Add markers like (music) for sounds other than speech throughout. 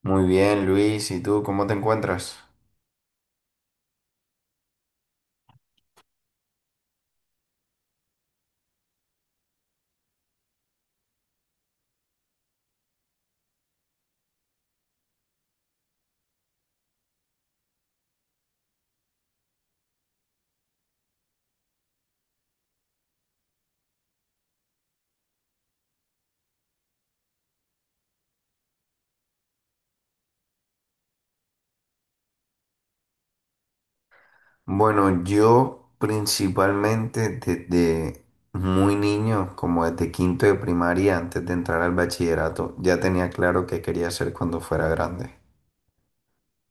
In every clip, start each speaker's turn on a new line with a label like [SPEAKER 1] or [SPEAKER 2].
[SPEAKER 1] Muy bien, Luis. ¿Y tú cómo te encuentras? Bueno, yo principalmente desde muy niño, como desde quinto de primaria, antes de entrar al bachillerato, ya tenía claro qué quería hacer cuando fuera grande.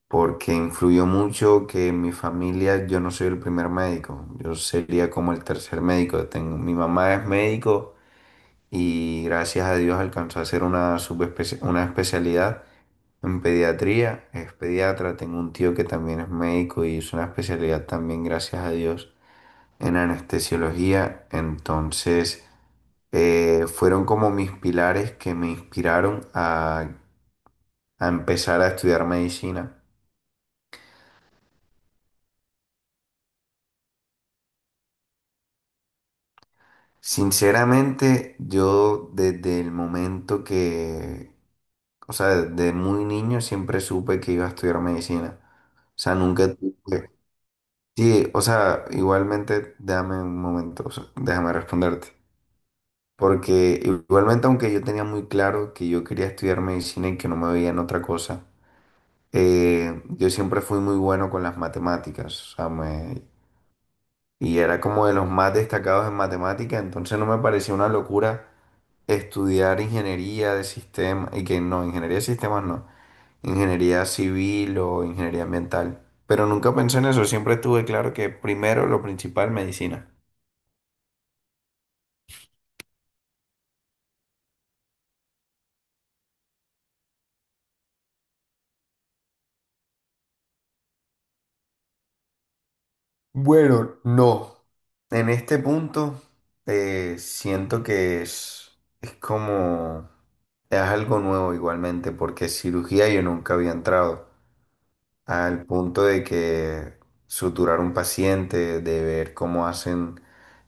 [SPEAKER 1] Porque influyó mucho que en mi familia yo no soy el primer médico, yo sería como el tercer médico. Mi mamá es médico. Y gracias a Dios alcanzó a hacer una especialidad en pediatría. Es pediatra, tengo un tío que también es médico y hizo una especialidad también, gracias a Dios, en anestesiología. Entonces, fueron como mis pilares que me inspiraron a empezar a estudiar medicina. Sinceramente, yo desde el momento que, o sea, desde muy niño siempre supe que iba a estudiar medicina. O sea, nunca tuve. Sí, o sea, igualmente, déjame un momento, o sea, déjame responderte. Porque igualmente, aunque yo tenía muy claro que yo quería estudiar medicina y que no me veía en otra cosa, yo siempre fui muy bueno con las matemáticas. O sea, y era como de los más destacados en matemática, entonces no me parecía una locura estudiar ingeniería de sistemas, y que no, ingeniería de sistemas no, ingeniería civil o ingeniería ambiental. Pero nunca pensé en eso, siempre tuve claro que primero lo principal, medicina. Bueno, no. En este punto siento que es como, es algo nuevo igualmente, porque cirugía yo nunca había entrado. Al punto de que suturar un paciente, de ver cómo hacen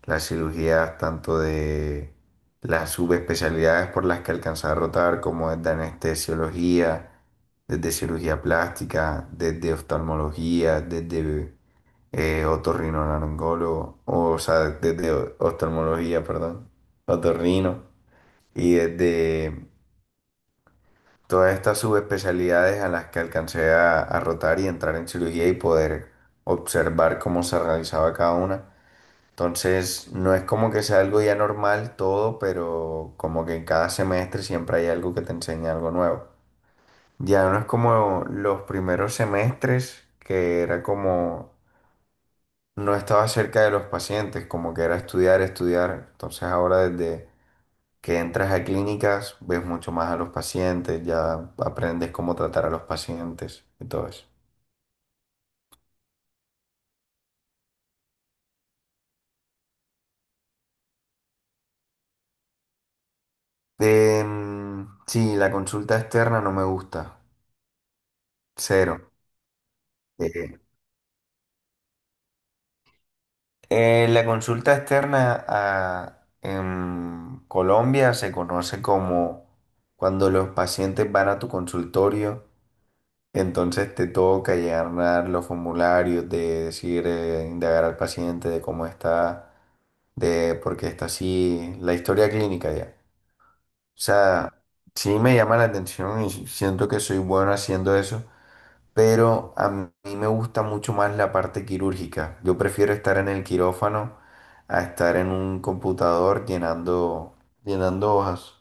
[SPEAKER 1] las cirugías, tanto de las subespecialidades por las que alcanza a rotar, como desde anestesiología, desde cirugía plástica, desde oftalmología, desde otorrinolaringólogo, o, sea, desde oftalmología, perdón, otorrino, y desde todas estas subespecialidades a las que alcancé a, rotar y entrar en cirugía y poder observar cómo se realizaba cada una. Entonces, no es como que sea algo ya normal todo, pero como que en cada semestre siempre hay algo que te enseña algo nuevo. Ya no es como los primeros semestres, que era como no estaba cerca de los pacientes, como que era estudiar, estudiar. Entonces ahora desde que entras a clínicas, ves mucho más a los pacientes, ya aprendes cómo tratar a los pacientes y todo eso. Sí, la consulta externa no me gusta, cero. Eh, la consulta externa en Colombia se conoce como cuando los pacientes van a tu consultorio, entonces te toca llenar los formularios de decir, indagar al paciente de cómo está de porque está así la historia clínica ya. O sea, sí me llama la atención y siento que soy bueno haciendo eso, pero a mí me gusta mucho más la parte quirúrgica. Yo prefiero estar en el quirófano a estar en un computador llenando hojas.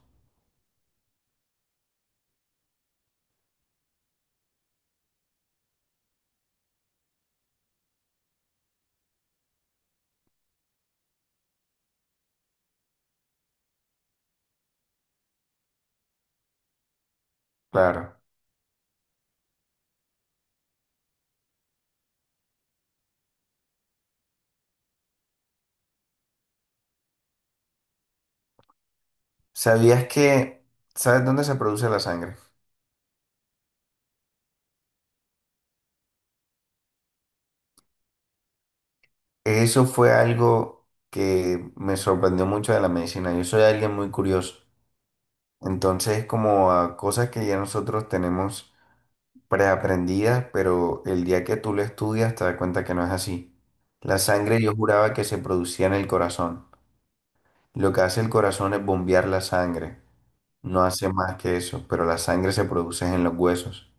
[SPEAKER 1] Claro. ¿Sabías que, sabes dónde se produce la sangre? Eso fue algo que me sorprendió mucho de la medicina. Yo soy alguien muy curioso. Entonces, como a cosas que ya nosotros tenemos preaprendidas, pero el día que tú lo estudias te das cuenta que no es así. La sangre yo juraba que se producía en el corazón. Lo que hace el corazón es bombear la sangre. No hace más que eso, pero la sangre se produce en los huesos.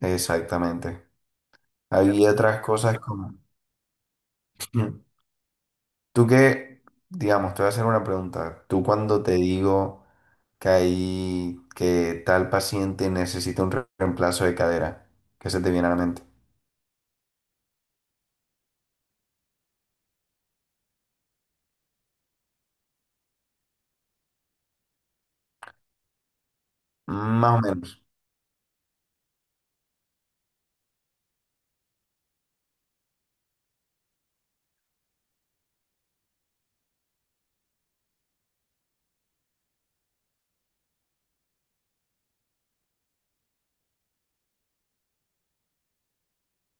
[SPEAKER 1] Exactamente. Había otras cosas como. (clears throat) Tú que, digamos, te voy a hacer una pregunta. Tú cuando te digo que tal paciente necesita un reemplazo de cadera, ¿qué se te viene a la mente? Más o menos.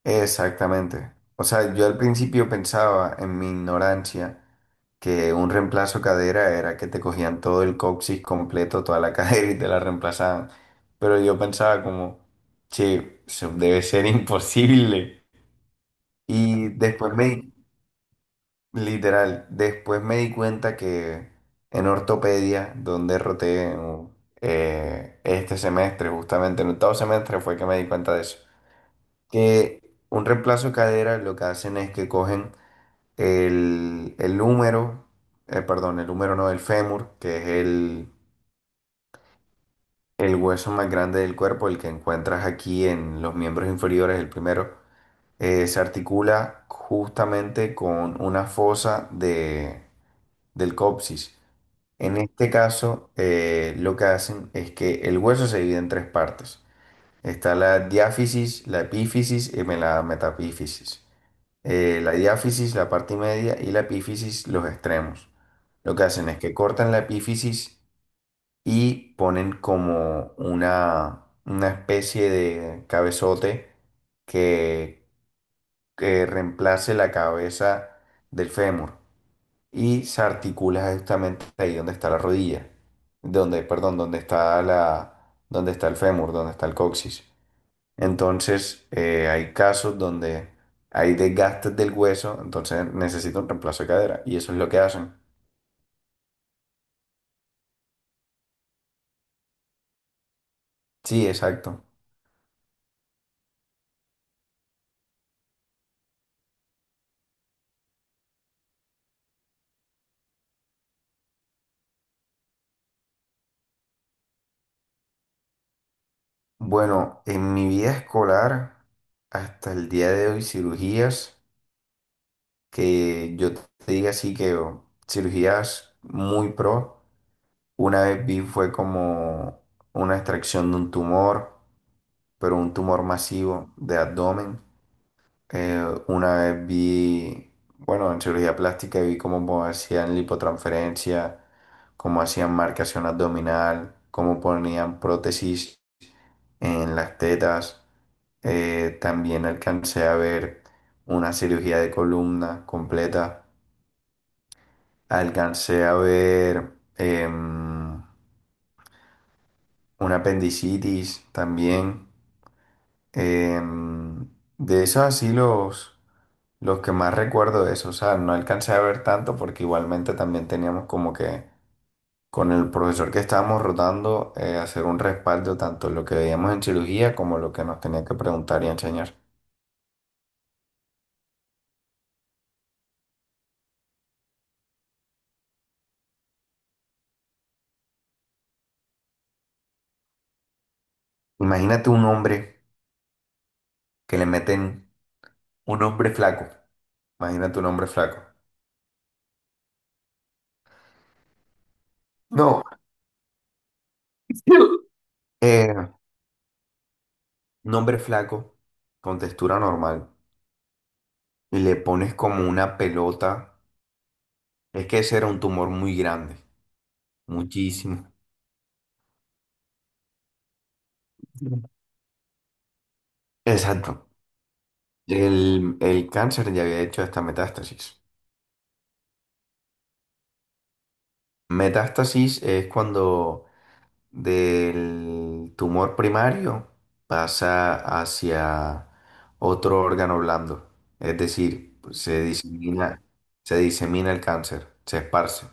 [SPEAKER 1] Exactamente. O sea, yo al principio pensaba en mi ignorancia que un reemplazo de cadera era que te cogían todo el coxis completo, toda la (laughs) cadera y te la reemplazaban. Pero yo pensaba como, che, eso debe ser imposible. Y después me, Literal, después me di cuenta que en ortopedia, donde roté este semestre, justamente en octavo semestre fue que me di cuenta de eso, que un reemplazo de cadera lo que hacen es que cogen el húmero, perdón, el húmero no, el fémur, que es el hueso más grande del cuerpo, el que encuentras aquí en los miembros inferiores, el primero, se articula justamente con una fosa del coxis. En este caso, lo que hacen es que el hueso se divide en tres partes. Está la diáfisis, la epífisis y la metapífisis. La diáfisis, la parte media, y la epífisis, los extremos. Lo que hacen es que cortan la epífisis y ponen como una especie de cabezote que, que reemplace la cabeza del fémur y se articula justamente ahí donde está la rodilla, donde, perdón, donde está el fémur, donde está el coxis. Entonces, hay casos donde hay desgastes del hueso, entonces necesita un reemplazo de cadera y eso es lo que hacen. Sí, exacto. Bueno, en mi vida escolar, hasta el día de hoy, cirugías que yo te diga así que oh, cirugías muy pro, una vez vi fue como una extracción de un tumor, pero un tumor masivo de abdomen. Una vez vi, bueno, en cirugía plástica vi cómo hacían lipotransferencia, cómo hacían marcación abdominal, cómo ponían prótesis en las tetas. También alcancé a ver una cirugía de columna completa. Alcancé a ver una apendicitis también. Em, de esos así los que más recuerdo de eso, o sea, no alcancé a ver tanto porque igualmente también teníamos como que con el profesor que estábamos rotando hacer un respaldo tanto lo que veíamos en cirugía como lo que nos tenía que preguntar y enseñar. Imagínate un hombre que le meten un hombre flaco, imagínate un hombre flaco. No, (laughs) eh, un hombre flaco con textura normal y le pones como una pelota, es que ese era un tumor muy grande. Muchísimo. Exacto. El cáncer ya había hecho esta metástasis. Metástasis es cuando del tumor primario pasa hacia otro órgano blando. Es decir, se disemina, el cáncer, se esparce.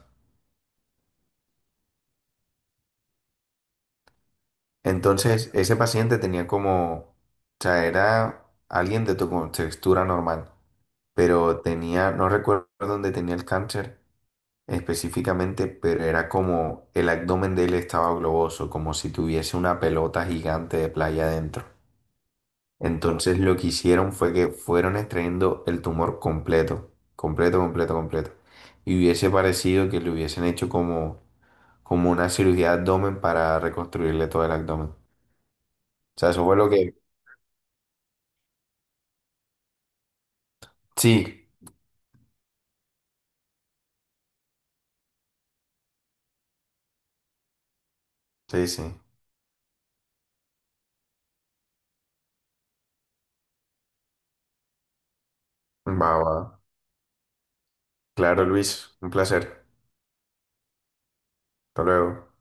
[SPEAKER 1] Entonces, ese paciente tenía como, o sea, era alguien de tu contextura normal, pero tenía, no recuerdo dónde tenía el cáncer específicamente, pero era como el abdomen de él estaba globoso, como si tuviese una pelota gigante de playa adentro. Entonces lo que hicieron fue que fueron extrayendo el tumor completo, completo, completo, completo. Y hubiese parecido que le hubiesen hecho como una cirugía de abdomen para reconstruirle todo el abdomen. O sea, eso fue lo que. Sí, sí, sí. Va, va. Claro, Luis, un placer. Hasta luego.